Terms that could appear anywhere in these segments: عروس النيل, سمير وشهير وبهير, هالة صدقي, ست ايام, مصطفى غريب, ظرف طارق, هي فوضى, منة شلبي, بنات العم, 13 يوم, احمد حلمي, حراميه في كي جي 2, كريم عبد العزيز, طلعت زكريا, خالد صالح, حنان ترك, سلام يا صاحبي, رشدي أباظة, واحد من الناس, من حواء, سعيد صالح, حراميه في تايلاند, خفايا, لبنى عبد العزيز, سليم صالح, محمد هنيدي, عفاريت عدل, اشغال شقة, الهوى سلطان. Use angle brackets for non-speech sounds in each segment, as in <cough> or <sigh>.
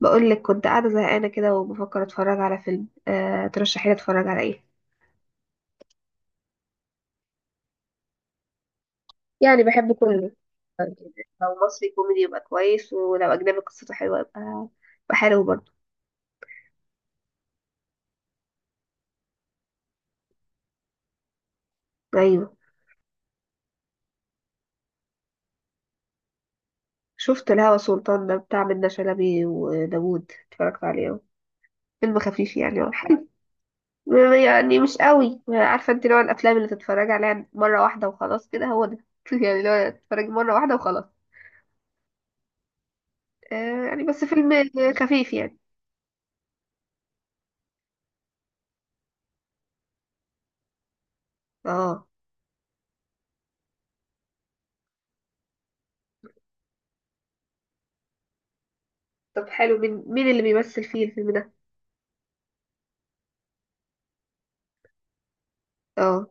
بقول لك كنت قاعدة زهقانة كده وبفكر اتفرج على فيلم، ترشحي لي اتفرج على ايه؟ يعني بحب كله. لو مصري كوميدي يبقى كويس، ولو اجنبي قصته حلوة يبقى حلو برضه. ايوه، شفت الهوى سلطان ده بتاع منة شلبي وداوود، اتفرجت عليه اهو. فيلم خفيف يعني، هو حلو. <laughs> يعني مش قوي، عارفة انت نوع الافلام اللي تتفرج عليها مرة واحدة وخلاص، كده هو ده. <laughs> يعني لو تتفرج مرة واحدة وخلاص. يعني بس فيلم خفيف يعني اه طب حلو، مين اللي بيمثل فيه الفيلم ده؟ اه،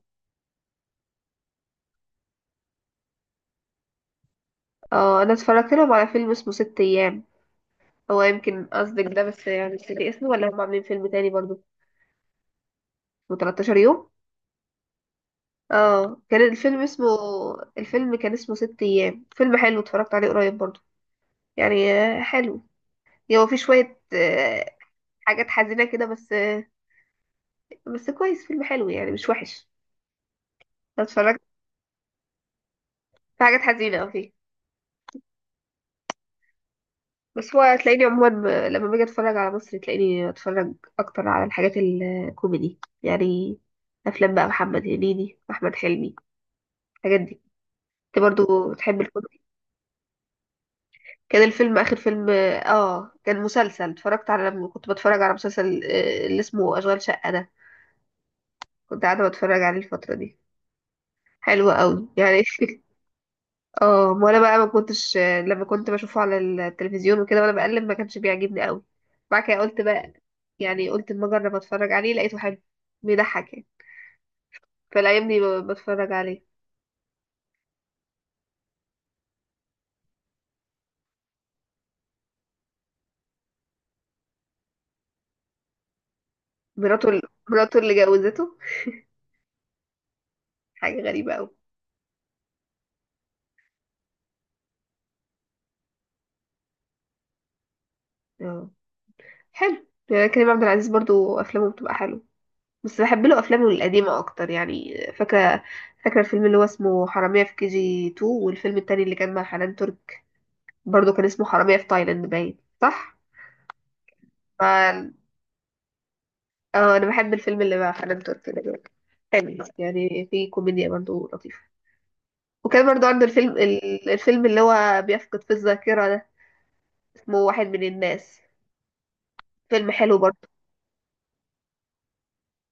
اه، انا اتفرجت لهم على فيلم اسمه ست ايام. هو يمكن قصدك ده، بس يعني مش فاكر اسمه، ولا هم عاملين فيلم تاني برضو اسمه 13 يوم. اه، كان الفيلم اسمه الفيلم كان اسمه ست ايام. فيلم حلو اتفرجت عليه قريب برضو، يعني حلو. يعني هو في شوية حاجات حزينة كده، بس كويس، فيلم حلو يعني مش وحش. أنا اتفرجت. في حاجات حزينة، اه، فيه. بس هو هتلاقيني عموما، لما باجي اتفرج على مصر، تلاقيني اتفرج اكتر على الحاجات الكوميدي يعني. افلام بقى محمد هنيدي، احمد حلمي، الحاجات دي. انت برضو بتحب الكوميدي؟ كان الفيلم اخر فيلم. اه، كان مسلسل اتفرجت على، لما كنت بتفرج على مسلسل اللي اسمه اشغال شقة ده. كنت قاعدة بتفرج عليه الفترة دي، حلو قوي يعني. <laughs> اه، ما انا بقى ما كنتش، لما كنت بشوفه على التلفزيون وكده وانا بقلب ما كانش بيعجبني قوي. بعد كده قلت بقى، يعني قلت اما اجرب اتفرج عليه، لقيته حلو، بيضحك يعني. فالايام دي بتفرج عليه. مراته ال- مراته اللي جوزته. <laughs> حاجه غريبه قوي. اه، حلو يعني. كريم عبد العزيز برضو افلامه بتبقى حلوه. بس بحب له افلامه القديمه اكتر يعني. فاكره الفيلم اللي هو اسمه حراميه في كي جي 2، والفيلم التاني اللي كان مع حنان ترك برضو كان اسمه حراميه في تايلاند باين، صح. اه، انا بحب الفيلم اللي مع حنان ترك ده جدا. حلو يعني، في كوميديا برضه لطيفة. وكان برضه عنده الفيلم الفيلم اللي هو بيفقد في الذاكرة ده، اسمه واحد من الناس، فيلم حلو برضه.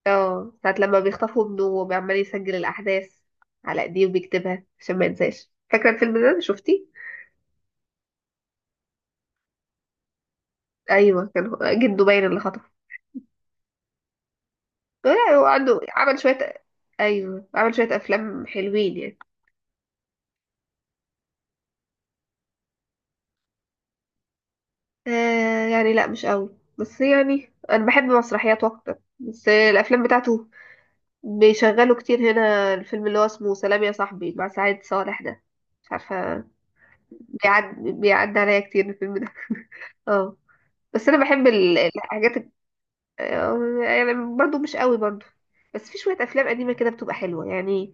اه، ساعة لما بيخطفوا ابنه وبيعمل يسجل الأحداث على ايديه وبيكتبها عشان ما ينساش. فاكرة الفيلم ده، شفتيه؟ أيوه، كان جده باين اللي خطفه. لا، هو عنده عمل شوية. أيوه، عمل شوية أفلام حلوين يعني. يعني لا مش قوي، بس يعني انا بحب مسرحيات اكتر، بس الافلام بتاعته بيشغلوا كتير هنا. الفيلم اللي هو اسمه سلام يا صاحبي مع سعيد صالح ده، مش عارفه. بيعدي عليا كتير الفيلم ده. <laughs> اه، بس انا بحب الحاجات يعني برضو مش قوي برضو. بس في شويه افلام قديمه كده بتبقى حلوه يعني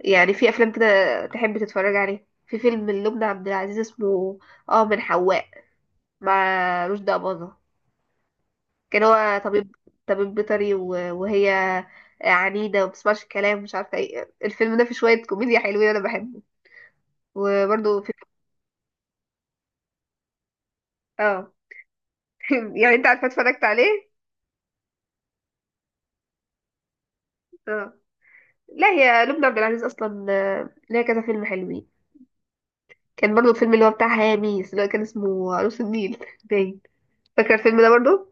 يعني في افلام كده تحب تتفرج عليها. في فيلم لبنى عبد العزيز اسمه، اه، من حواء، مع رشدي أباظة. كان هو طبيب بيطري، وهي عنيدة ومبتسمعش الكلام، مش عارفة ايه. الفيلم ده فيه شوية كوميديا حلوين، أنا بحبه. وبرضه في، اه، <laughs> يعني انت عارفة اتفرجت عليه. اه، لا هي لبنى عبد العزيز أصلا ليها كذا فيلم حلوين. كان برضه الفيلم اللي هو بتاع هاميس، اللي هو كان اسمه عروس النيل <laughs> باين. فاكرة الفيلم ده برضه؟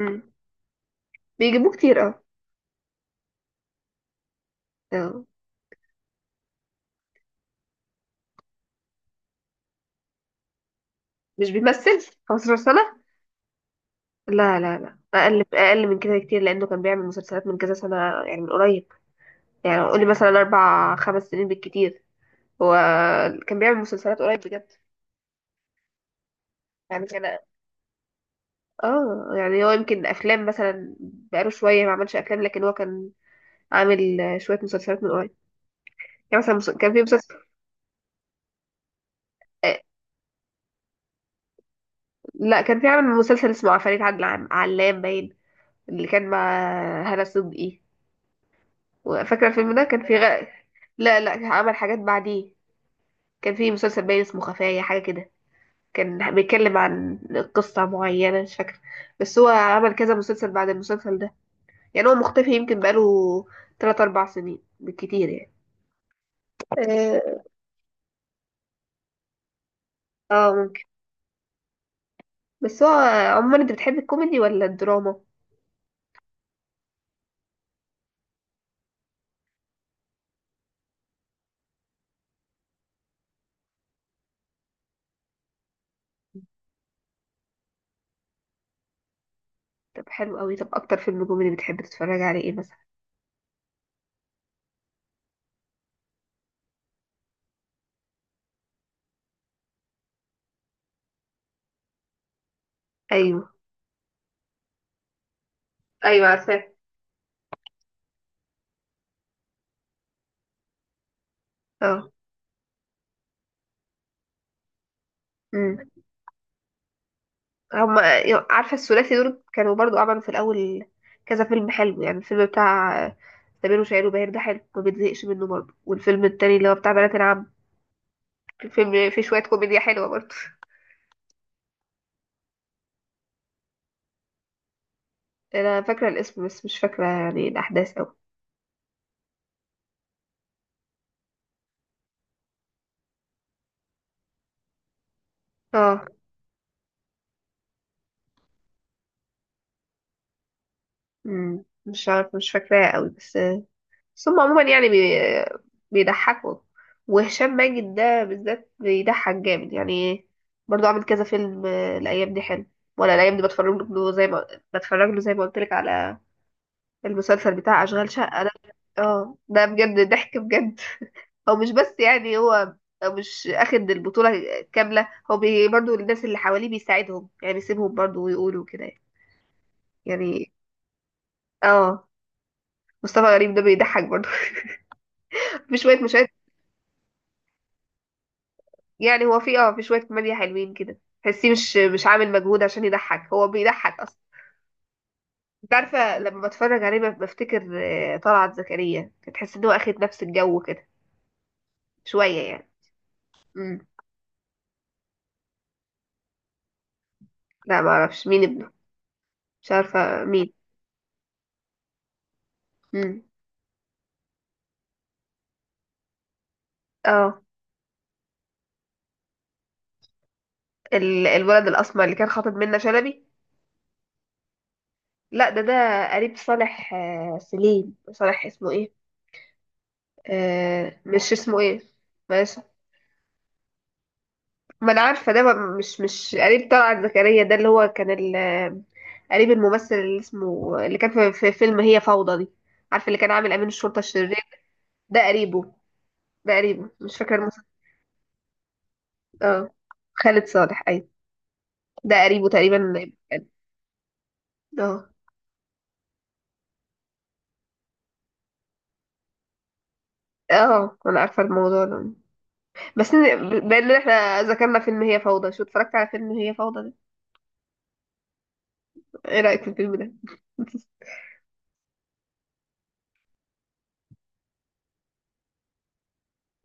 مم. بيجيبوه كتير، اه. اه، مش بيمثل 15 سنة؟ لا، لا، لا، أقل من كده بكتير، لأنه كان بيعمل مسلسلات من كذا سنة. يعني من قريب، يعني قولي مثلا أربع خمس سنين بالكتير. هو كان بيعمل مسلسلات قريب بجد. يعني كان، اه، يعني هو يمكن أفلام مثلا بقاله شوية ما عملش أفلام، لكن هو كان عامل شوية مسلسلات من قريب. يعني مثلا، كان في مسلسل آه، لا، كان في عامل مسلسل اسمه عفاريت عدل علام باين، اللي كان مع هالة صدقي. وفاكرة الفيلم ده كان في لا، لا، عمل حاجات بعديه. كان في مسلسل باين اسمه خفايا، حاجة كده، كان بيتكلم عن قصة معينة مش فاكرة. بس هو عمل كذا مسلسل بعد المسلسل ده. يعني هو مختفي يمكن بقاله تلات أربع سنين بالكتير يعني. اه، ممكن. بس هو عموما، انت بتحب الكوميدي ولا الدراما؟ طب حلو قوي. طب اكتر فيلم كوميدي بتحب تتفرج عليه ايه مثلا؟ ايوه، ايوه، عارفاه. اه، امم هما، عارفة الثلاثي دول كانوا برضو عملوا في الأول كذا فيلم حلو يعني. الفيلم بتاع سمير وشهير وبهير ده حلو، ما بتزهقش منه برضو. والفيلم التاني اللي هو بتاع بنات العم، في شوية كوميديا حلوة برضه. انا فاكرة الاسم بس مش فاكرة يعني الاحداث اوي. اه، مش عارفة، مش فاكراه اوي بس. بس هم عموما يعني بيضحكوا. وهشام ماجد ده بالذات بيضحك جامد يعني، برضه عامل كذا فيلم الايام دي حلو. وانا الايام دي بتفرج له زي ما قلت لك على المسلسل بتاع اشغال شقة ده. اه، ده بجد ضحك بجد. هو مش بس يعني، هو مش اخد البطولة كاملة. هو برضو الناس اللي حواليه بيساعدهم، يعني بيسيبهم برضو ويقولوا كده. يعني، اه، مصطفى غريب ده بيضحك برضو. <laughs> في شوية مشاهد. يعني هو في شوية كوميديا حلوين كده، تحسيه مش عامل مجهود عشان يضحك، هو بيضحك اصلا. انت عارفة لما بتفرج عليه بفتكر طلعت زكريا، تحس ان هو اخد نفس الجو كده شوية يعني. مم. لا، ما اعرفش مين ابنه. مش عارفة مين. مم. اه، الولد الاسمر اللي كان خاطب منة شلبي. لا، ده قريب صالح، سليم صالح اسمه ايه. مش اسمه ايه. ماشي. ما انا عارفه ده، مش قريب طلعت زكريا ده، اللي هو كان قريب الممثل اللي كان في فيلم هي فوضى دي. عارفه اللي كان عامل امين الشرطه الشرير. ده قريبه ده قريبه مش فاكره الممثل. اه، خالد صالح، ايوه. ده قريبه تقريبا. اه، اه، انا عارفه الموضوع ده. بس بما ان احنا ذكرنا فيلم هي فوضى، شو اتفرجت على فيلم هي فوضى ده؟ ايه رأيك في الفيلم ده؟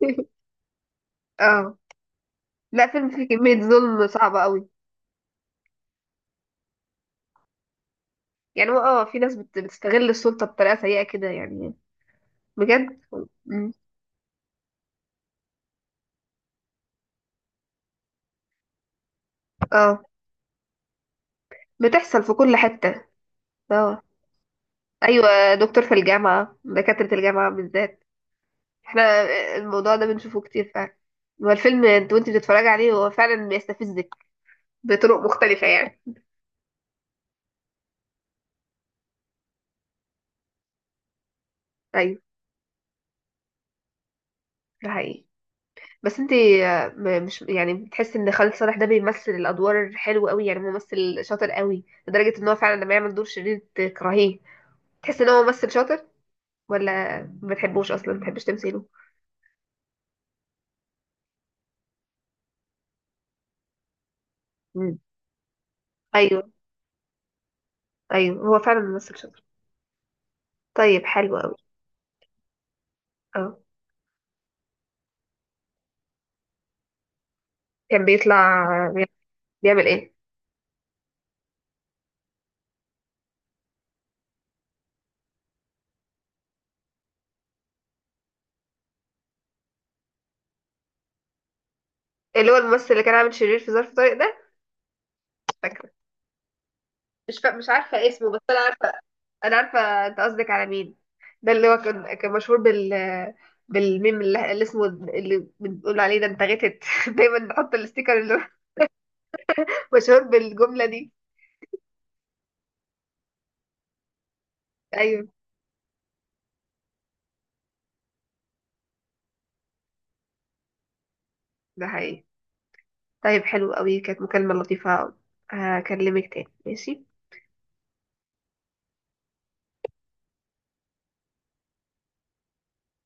<laughs> اه، لا، فيلم فيه كمية ظلم صعبة قوي. يعني هو، اه، في ناس بتستغل السلطة بطريقة سيئة كده يعني. بجد. مم. اه، بتحصل في كل حتة. اه، ايوه، دكتور في الجامعة، دكاترة الجامعة بالذات. احنا الموضوع ده بنشوفه كتير فعلا. هو الفيلم انت وانت بتتفرج عليه هو فعلا بيستفزك بطرق مختلفة يعني. ايوه، ده حقيقي. بس انت مش يعني بتحس ان خالد صالح ده بيمثل الادوار حلو قوي، يعني ممثل شاطر قوي لدرجه ان هو فعلا لما يعمل دور شرير تكرهيه، تحس ان هو ممثل شاطر، ولا ما بتحبوش اصلا، ما بتحبش تمثيله؟ مم. ايوه، ايوه، هو فعلا ممثل شاطر. طيب حلو قوي. اه، كان بيطلع. بيعمل ايه؟ اللي هو الممثل اللي كان عامل شرير في ظرف طارق ده، فاكره. مش عارفه اسمه بس انا عارفه. انا عارفه انت قصدك على مين. ده اللي هو كان مشهور بالميم اللي اسمه، اللي بنقول عليه ده، انت غتت. <laughs> دايما نحط الاستيكر اللي هو مشهور بالجمله دي. ايوه، ده حقيقي. طيب حلو قوي، كانت مكالمه لطيفه. هكلمك تاني، ماشي؟